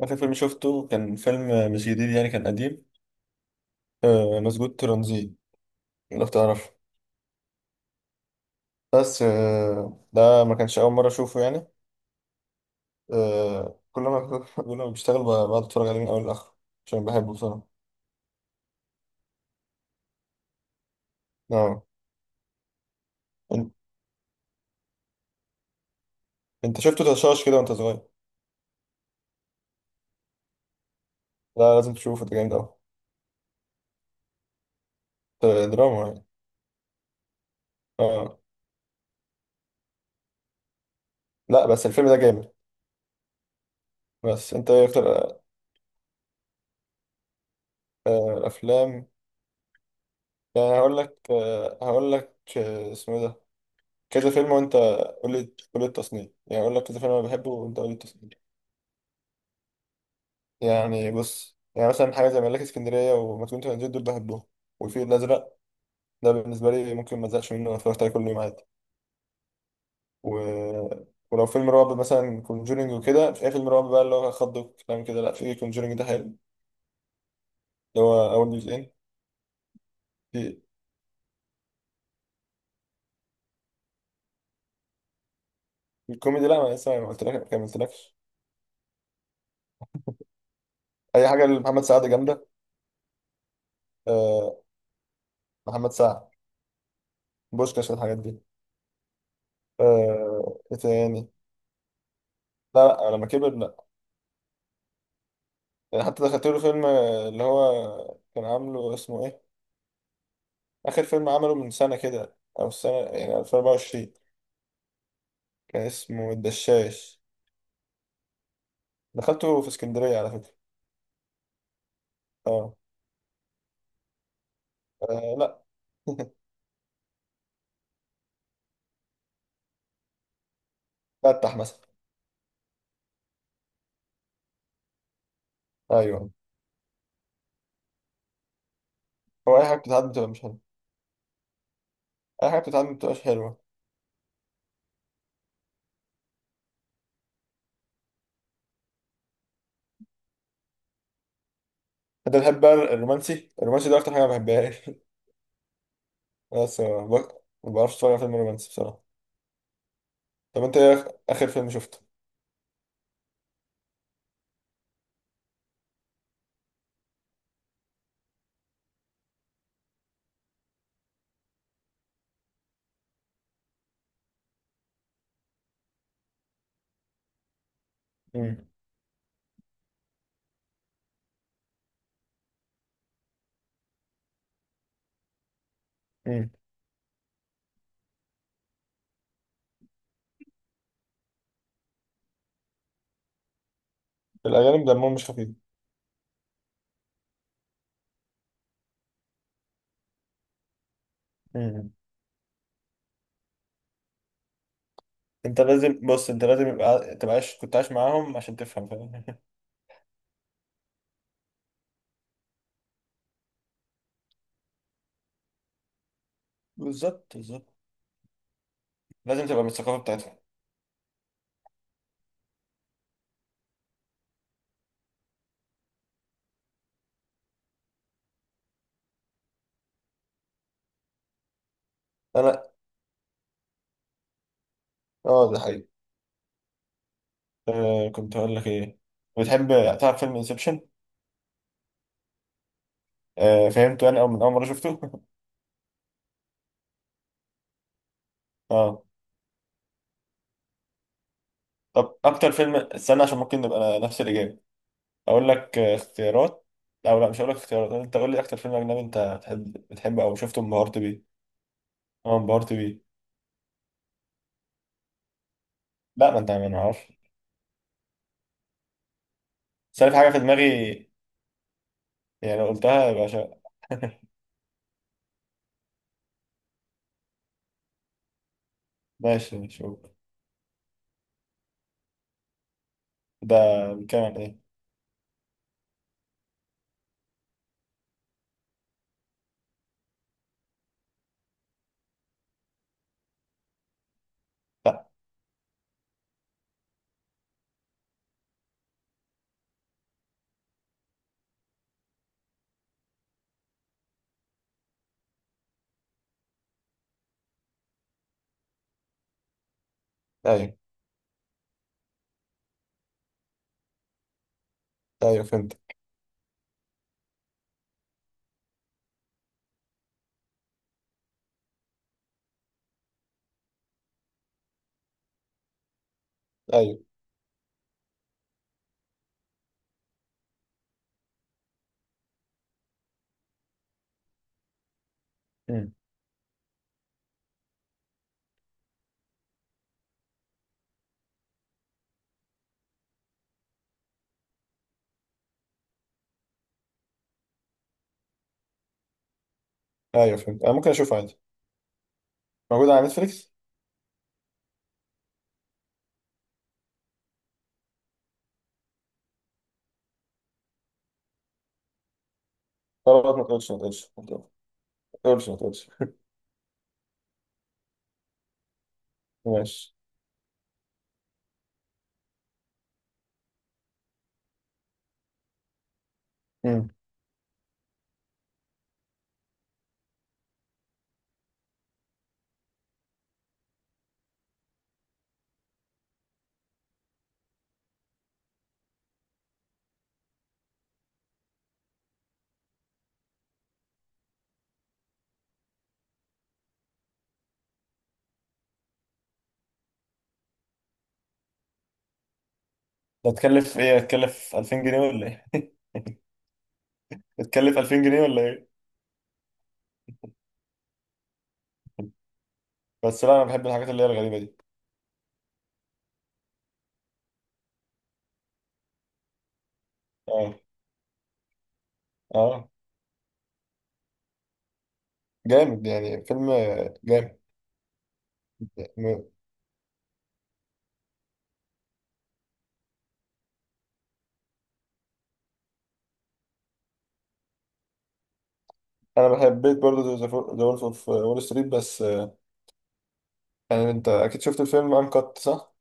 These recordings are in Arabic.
آخر فيلم شفته كان فيلم مش جديد، كان قديم. آه، مسجود ترانزيت، لو تعرف. بس آه، ده ما كانش أول مرة أشوفه يعني. آه، كل ما كل ما بشتغل بقعد أتفرج عليه من أول لآخر عشان بحبه بصراحة. آه. إن- أنت شفته تشاش كده وأنت صغير. لا، لازم تشوفه، ده جامد أوي. آه، دراما يعني. آه. لا، بس الفيلم ده جامد. بس أنت إيه أكتر آه، أفلام. يعني هقول لك، اسمه إيه ده، كذا فيلم وانت، قول لي قول لي التصنيف، يعني اقول لك كذا فيلم انا بحبه وانت قول لي التصنيف. يعني بص، يعني مثلا حاجه زي ملاك اسكندريه وما كنت هنزل، دول بحبهم، والفيل الازرق. ده بالنسبه لي ممكن ما ازهقش منه، أنا اتفرجت عليه كل يوم عادي. و... ولو فيلم رعب، مثلا كونجورينج وكده. مش اي فيلم رعب بقى اللي هو خض وكلام كده، لا، في كونجورينج ده حلو، اللي هو اول جزئين. في في الكوميدي، لا، ما لسه ما قلت لك، ما كملتلكش. اي حاجه لمحمد سعد جامده. أه، محمد سعد، بوشكاش، الحاجات دي. أه... ايه تاني؟ لا لا، لما كبر. يعني حتى دخلت له فيلم اللي هو كان عامله، اسمه ايه، اخر فيلم عمله من سنه كده او السنه، يعني 2024. كان اسمه الدشاش، دخلته في اسكندريه على فكره. اه. لا. فتح مثلا. ايوه. هو اي حاجه بتتعدي بتبقى مش حلوه. اي حاجه بتتعدي بتبقاش حلوه. انت بتحب بقى الرومانسي، الرومانسي ده اكتر حاجه ما بحبهاش. بس ما بعرفش اتفرج على فيلم رومانسي بصراحه. طب انت ايه اخر فيلم شفته؟ امم. امم. الاجانب دمهم مش خفيف. انت لازم، بص، انت لازم يبقى، تبقى عايش، كنت عايش معاهم عشان تفهم، فاهم؟ بالظبط بالظبط. لازم تبقى من الثقافه بتاعتهم. انا. اه، ده حقيقي. آه كنت هقول لك ايه، بتحب، تعرف فيلم انسبشن؟ آه، فهمته انا او من اول مره شفته. اه. طب اكتر فيلم، استنى، عشان ممكن نبقى نفس الاجابه. اقول لك آه، اختيارات، او لا، مش هقول لك اختيارات، انت قول لي اكتر فيلم اجنبي انت بتحبه او شفته انبهرت بيه. اه، انبهرت بيه. لا، ما انت ما نعرفش. بس أنا في حاجه في دماغي، يعني لو قلتها يبقى ماشي ماشي. ده بيتكلم عن ايه؟ لا. ايوه ايوه فهمت. ايوه. مم. ايوه فهمت، انا ممكن اشوفه عادي، موجود على نتفليكس. خلاص، ما تقولش. ماشي. مم. ده تكلف ايه، هتكلف 2000 جنيه ولا ايه؟ هتكلف 2000 جنيه ولا ايه؟ بس لا، انا بحب الحاجات اللي هي الغريبة دي. اه اه. جامد يعني، فيلم جامد. م- انا بحبيت برضه ذا وولف اوف وول ستريت، بس آه، يعني انت اكيد شفت الفيلم انكت صح؟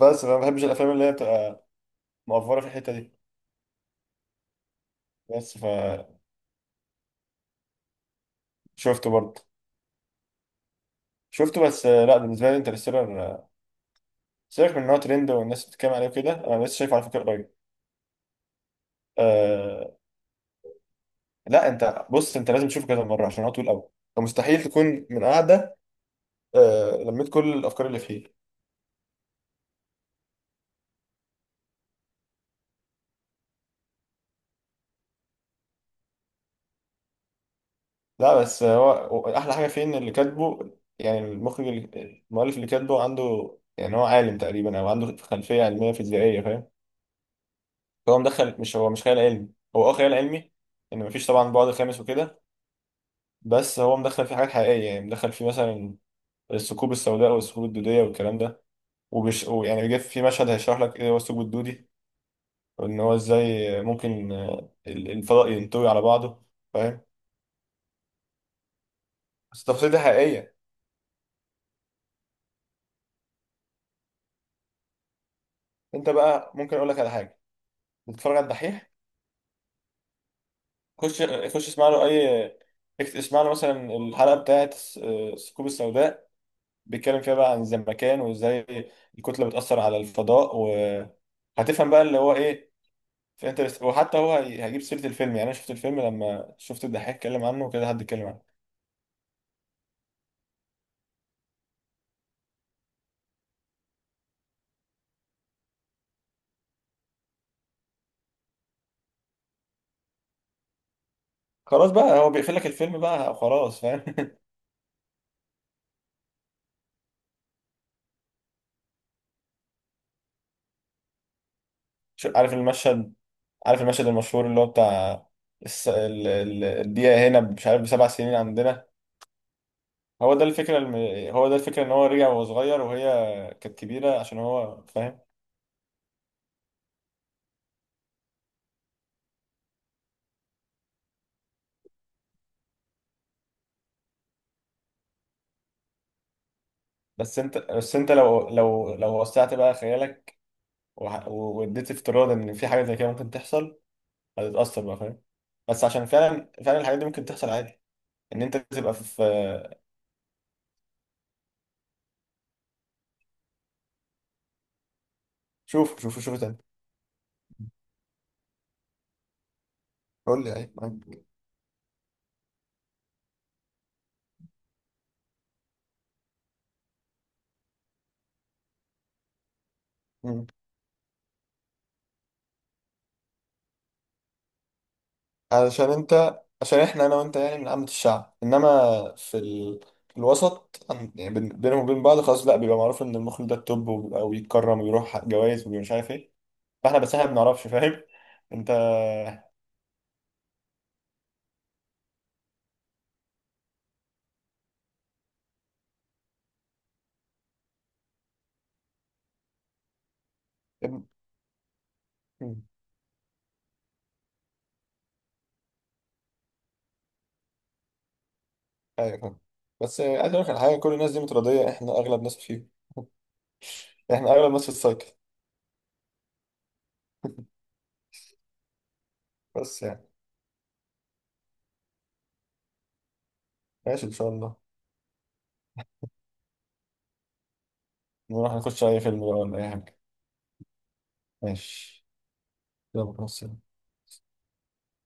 بس انا ما بحبش الافلام اللي هي بتبقى مقفرة في الحتة دي. بس ف شفته برضه، شفته، بس آه، لا، بالنسبه لي انترستيلر آه، سيبك من ان هو ترند والناس بتتكلم عليه وكده، انا لسه شايفه على فكره قريب. أه. لا، انت بص، انت لازم تشوفه كذا مره عشان هو طويل قوي، فمستحيل تكون من قاعده أه لميت كل الافكار اللي فيه. لا بس هو احلى حاجه فيه ان اللي كاتبه، يعني المؤلف اللي كاتبه، عنده يعني، هو عالم تقريبا او عنده خلفيه علميه فيزيائيه، فاهم؟ فهو مدخل، مش هو مش خيال علمي، هو اه خيال علمي، ان مفيش طبعا بعد خامس وكده، بس هو مدخل فيه حاجات حقيقية. يعني مدخل فيه مثلا الثقوب السوداء والثقوب الدودية والكلام ده. وبش، ويعني جه في مشهد هيشرح لك ايه هو الثقب الدودي، وان هو ازاي ممكن آه، الفضاء ينطوي على بعضه، فاهم؟ بس التفاصيل دي حقيقية. انت بقى ممكن اقول لك على حاجة، بتتفرج على الدحيح؟ خش اسمع له اي، اسمع له مثلا الحلقة بتاعت آه، الثقوب السوداء، بيتكلم فيها بقى عن الزمكان وازاي الكتلة بتأثر على الفضاء، وهتفهم بقى اللي هو ايه في انترست. وحتى هو هيجيب سيرة الفيلم. يعني انا شفت الفيلم لما شفت الدحيح اتكلم عنه وكده، حد اتكلم عنه. خلاص بقى، هو بيقفل لك الفيلم بقى، خلاص، فاهم؟ عارف المشهد، عارف المشهد المشهور اللي هو بتاع الس... ال... ال... الدقيقة هنا مش عارف بـ7 سنين عندنا. هو ده الفكرة الم... هو ده الفكرة، ان هو رجع وهو صغير وهي كانت كبيرة، عشان هو، فاهم؟ بس انت، بس انت لو وسعت بقى خيالك، واديت افتراض ان في حاجة زي كده ممكن تحصل، هتتأثر بقى، فاهم؟ بس عشان فعلا فعلا الحاجات دي ممكن تحصل عادي. ان انت تبقى في شوف شوف تاني. قول لي، اي معاك. مم. علشان انت، عشان احنا انا وانت يعني من عامة الشعب، انما في ال... في الوسط يعني بينهم وبين بعض خلاص، لا بيبقى معروف ان المخرج ده التوب، ويتكرم ويروح جوائز ومش عارف ايه. فاحنا بس، احنا ما بنعرفش، فاهم؟ انت ابن- مم. ايوه فاهم. بس عايز اقول لك على حاجه، كل الناس دي متراضيه، احنا اغلب ناس فيه، احنا اغلب ناس في السايكل. بس يعني ماشي، ان شاء الله. نروح نخش اي فيلم بقى ولا اي حاجه. ماشي. يلا، مع السلامة.